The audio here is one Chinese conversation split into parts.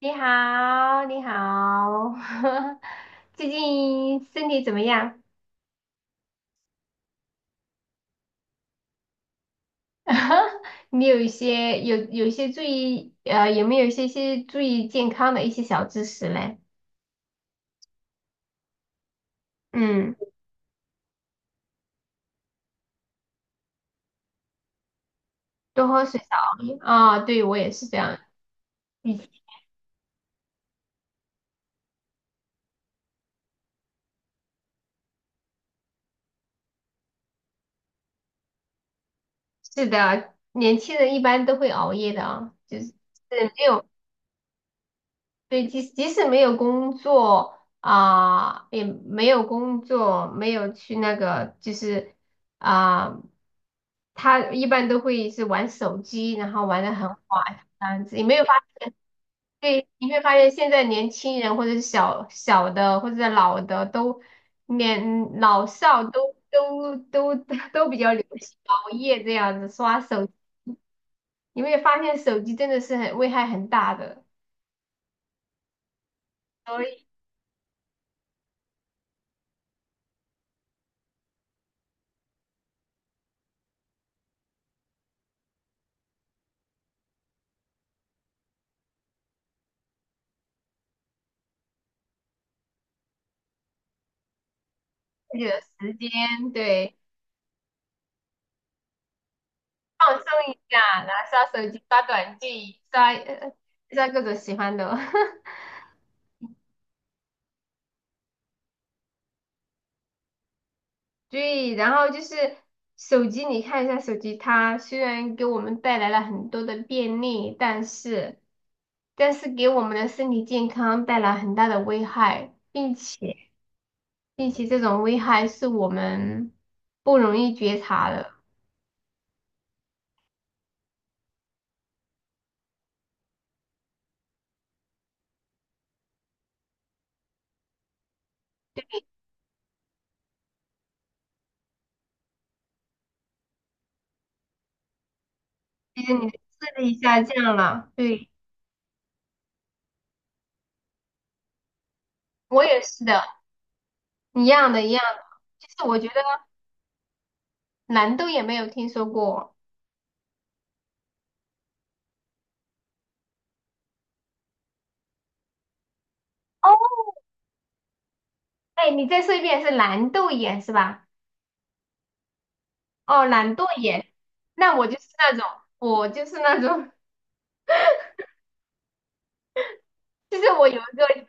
你好，你好，最近身体怎么样？你有一些有有一些注意呃，有没有一些注意健康的一些小知识嘞？嗯，多喝水，少熬夜啊，对我也是这样。以前是的，年轻人一般都会熬夜的啊，就是没有对，即使没有工作啊、也没有工作，没有去那个就是。啊、他一般都会是玩手机，然后玩的很滑这样子。你没有发现？对，你会发现现在年轻人或者是小小的或者是老的都年老少都 都比较流行熬夜这样子刷手机。你会发现手机真的是很危害很大的。所以，自己的时间。对，放松一下，然后刷手机、刷短剧、刷各种喜欢的。对，然后就是手机，你看一下手机，它虽然给我们带来了很多的便利，但是给我们的身体健康带来很大的危害，并且这种危害是我们不容易觉察的。其实你的视力下降了。对，我也是的，一样的，一样的。其实我觉得蓝豆也没有听说过。哦，哎，你再说一遍，是蓝豆眼是吧？哦，懒惰眼。那我就是那种，就是我有一个。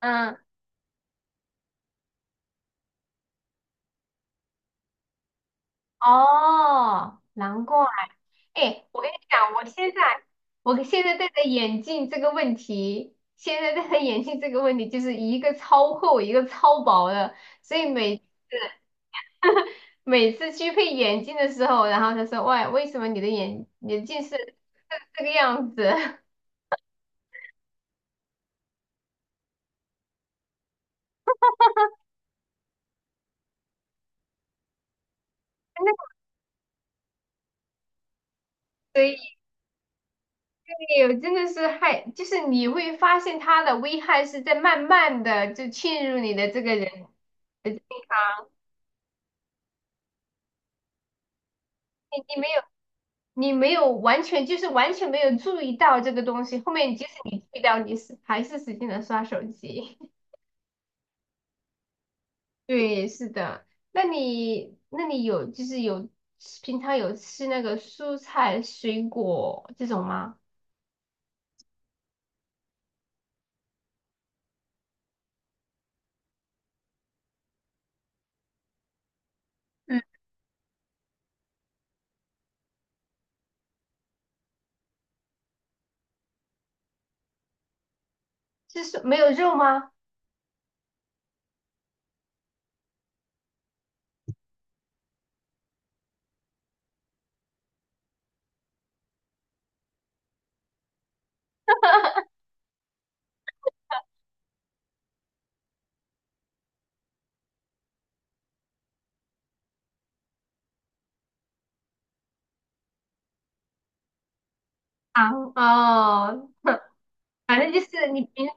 嗯，哦，难怪。哎，我跟你讲，我现在戴的眼镜这个问题，现在戴的眼镜这个问题，就是一个超厚，一个超薄的，所以每次去配眼镜的时候，然后他说，喂，为什么你的眼镜是这个样子？以。对，真的是害，就是你会发现它的危害是在慢慢的就侵入你的这个人。你你没有你没有完全没有注意到这个东西，后面即使你注意到，你是还是使劲的刷手机。对，是的。那你有就是有平常有吃那个蔬菜水果这种吗？嗯，就是没有肉吗？啊，哦，反正就是你平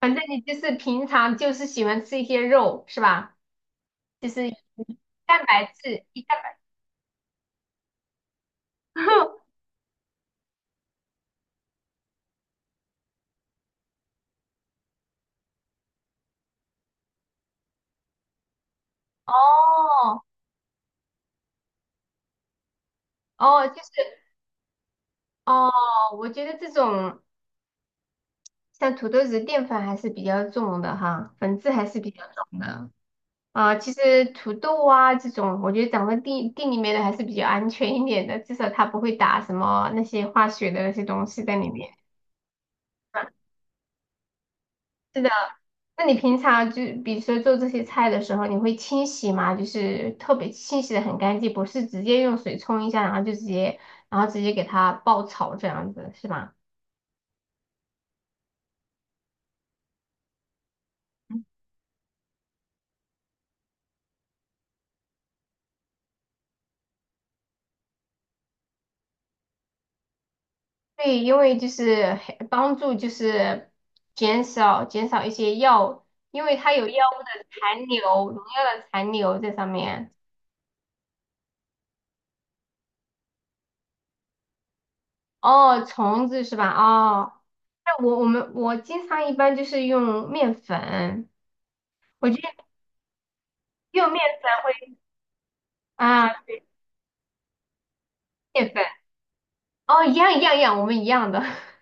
反正你就是平常就是喜欢吃一些肉是吧？就是蛋白质，一蛋白，哦哦，就是哦，我觉得这种像土豆子淀粉还是比较重的哈，粉质还是比较重的啊。其实土豆啊这种，我觉得长在地里面的还是比较安全一点的，至少它不会打什么那些化学的那些东西在里面。是的，那你平常就比如说做这些菜的时候，你会清洗吗？就是特别清洗的很干净，不是直接用水冲一下，然后就直接，然后直接给它爆炒这样子，是吗？对，因为就是很帮助就是减少一些药，因为它有药物的残留，农药的残留在上面。哦，虫子是吧？哦，那我经常一般就是用面粉，我觉得用面粉会。啊。面粉哦，一样一样一样，我们一样的。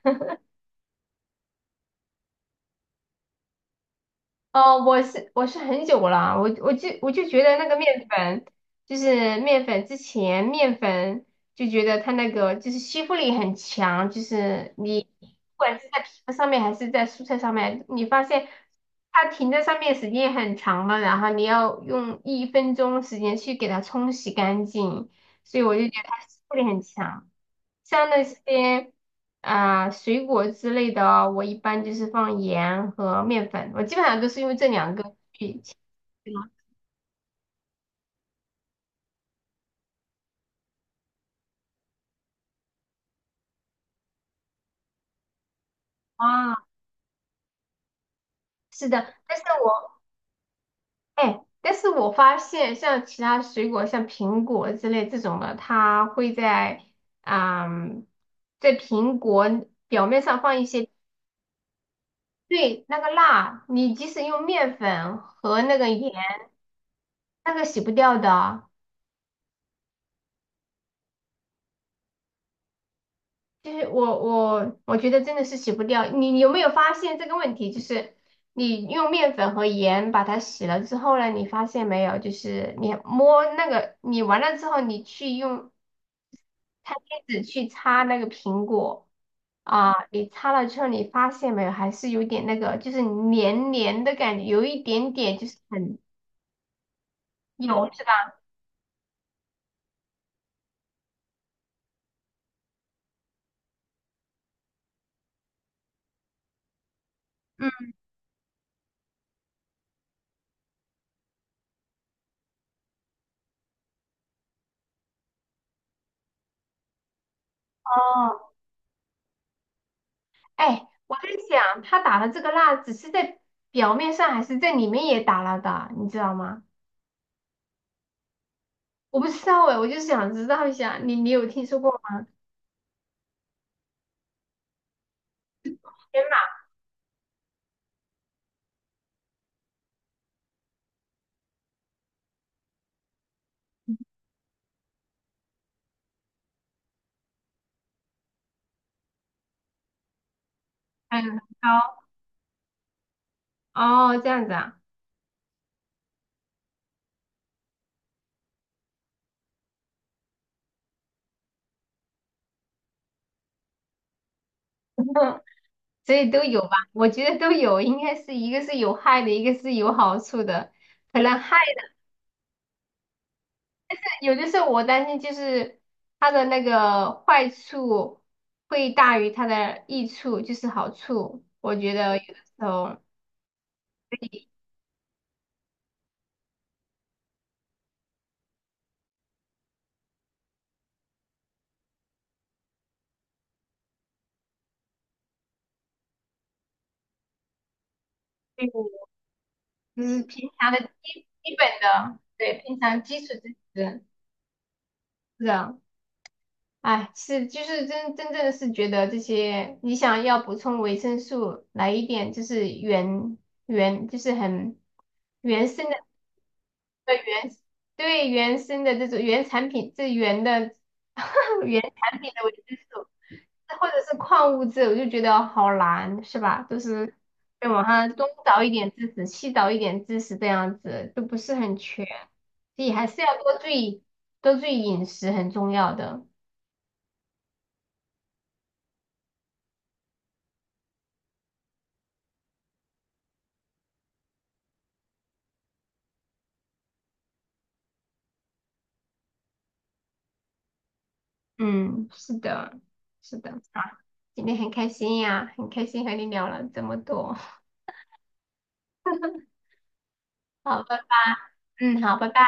哦，我是很久了，我就觉得那个面粉，就是面粉之前面粉就觉得它那个就是吸附力很强，就是你不管是在皮肤上面还是在蔬菜上面，你发现它停在上面时间很长了，然后你要用1分钟时间去给它冲洗干净，所以我就觉得它吸附力很强。像那些水果之类的哦，我一般就是放盐和面粉，我基本上都是用这两个去切嘛。啊，是的，但是我发现像其他水果，像苹果之类这种的，它会啊、在苹果表面上放一些，对，那个蜡，你即使用面粉和那个盐，那个洗不掉的。就是我觉得真的是洗不掉。你有没有发现这个问题？就是你用面粉和盐把它洗了之后呢，你发现没有？就是你摸那个，你完了之后，你去用餐巾纸去擦那个苹果啊，你擦了之后，你发现没有？还是有点那个，就是黏黏的感觉，有一点点就是很油，是吧？嗯，哦，哎，我在想，他打了这个蜡，只是在表面上，还是在里面也打了的，你知道吗？我不知道哎，我就是想知道一下，你有听说过吗？天马还有很高哦，这样子啊。所以都有吧？我觉得都有，应该是一个是有害的，一个是有好处的。可能害的，有的时候我担心就是它的那个坏处会大于它的益处，就是好处。我觉得有的时候，对，就是平常的基本的，对，平常基础知识，是的。哎，是，就是真正的是觉得这些，你想要补充维生素，来一点就是原，就是很原生的，呃原，对，原生的这种原产品，这原的 原产品的维生素，或者是矿物质，我就觉得好难，是吧？都是在网上东找一点知识，西找一点知识，这样子都不是很全，所以还是要多注意饮食，很重要的。嗯，是的，是的，啊，今天很开心呀，很开心和你聊了这么多，好，拜拜，嗯，好，拜拜。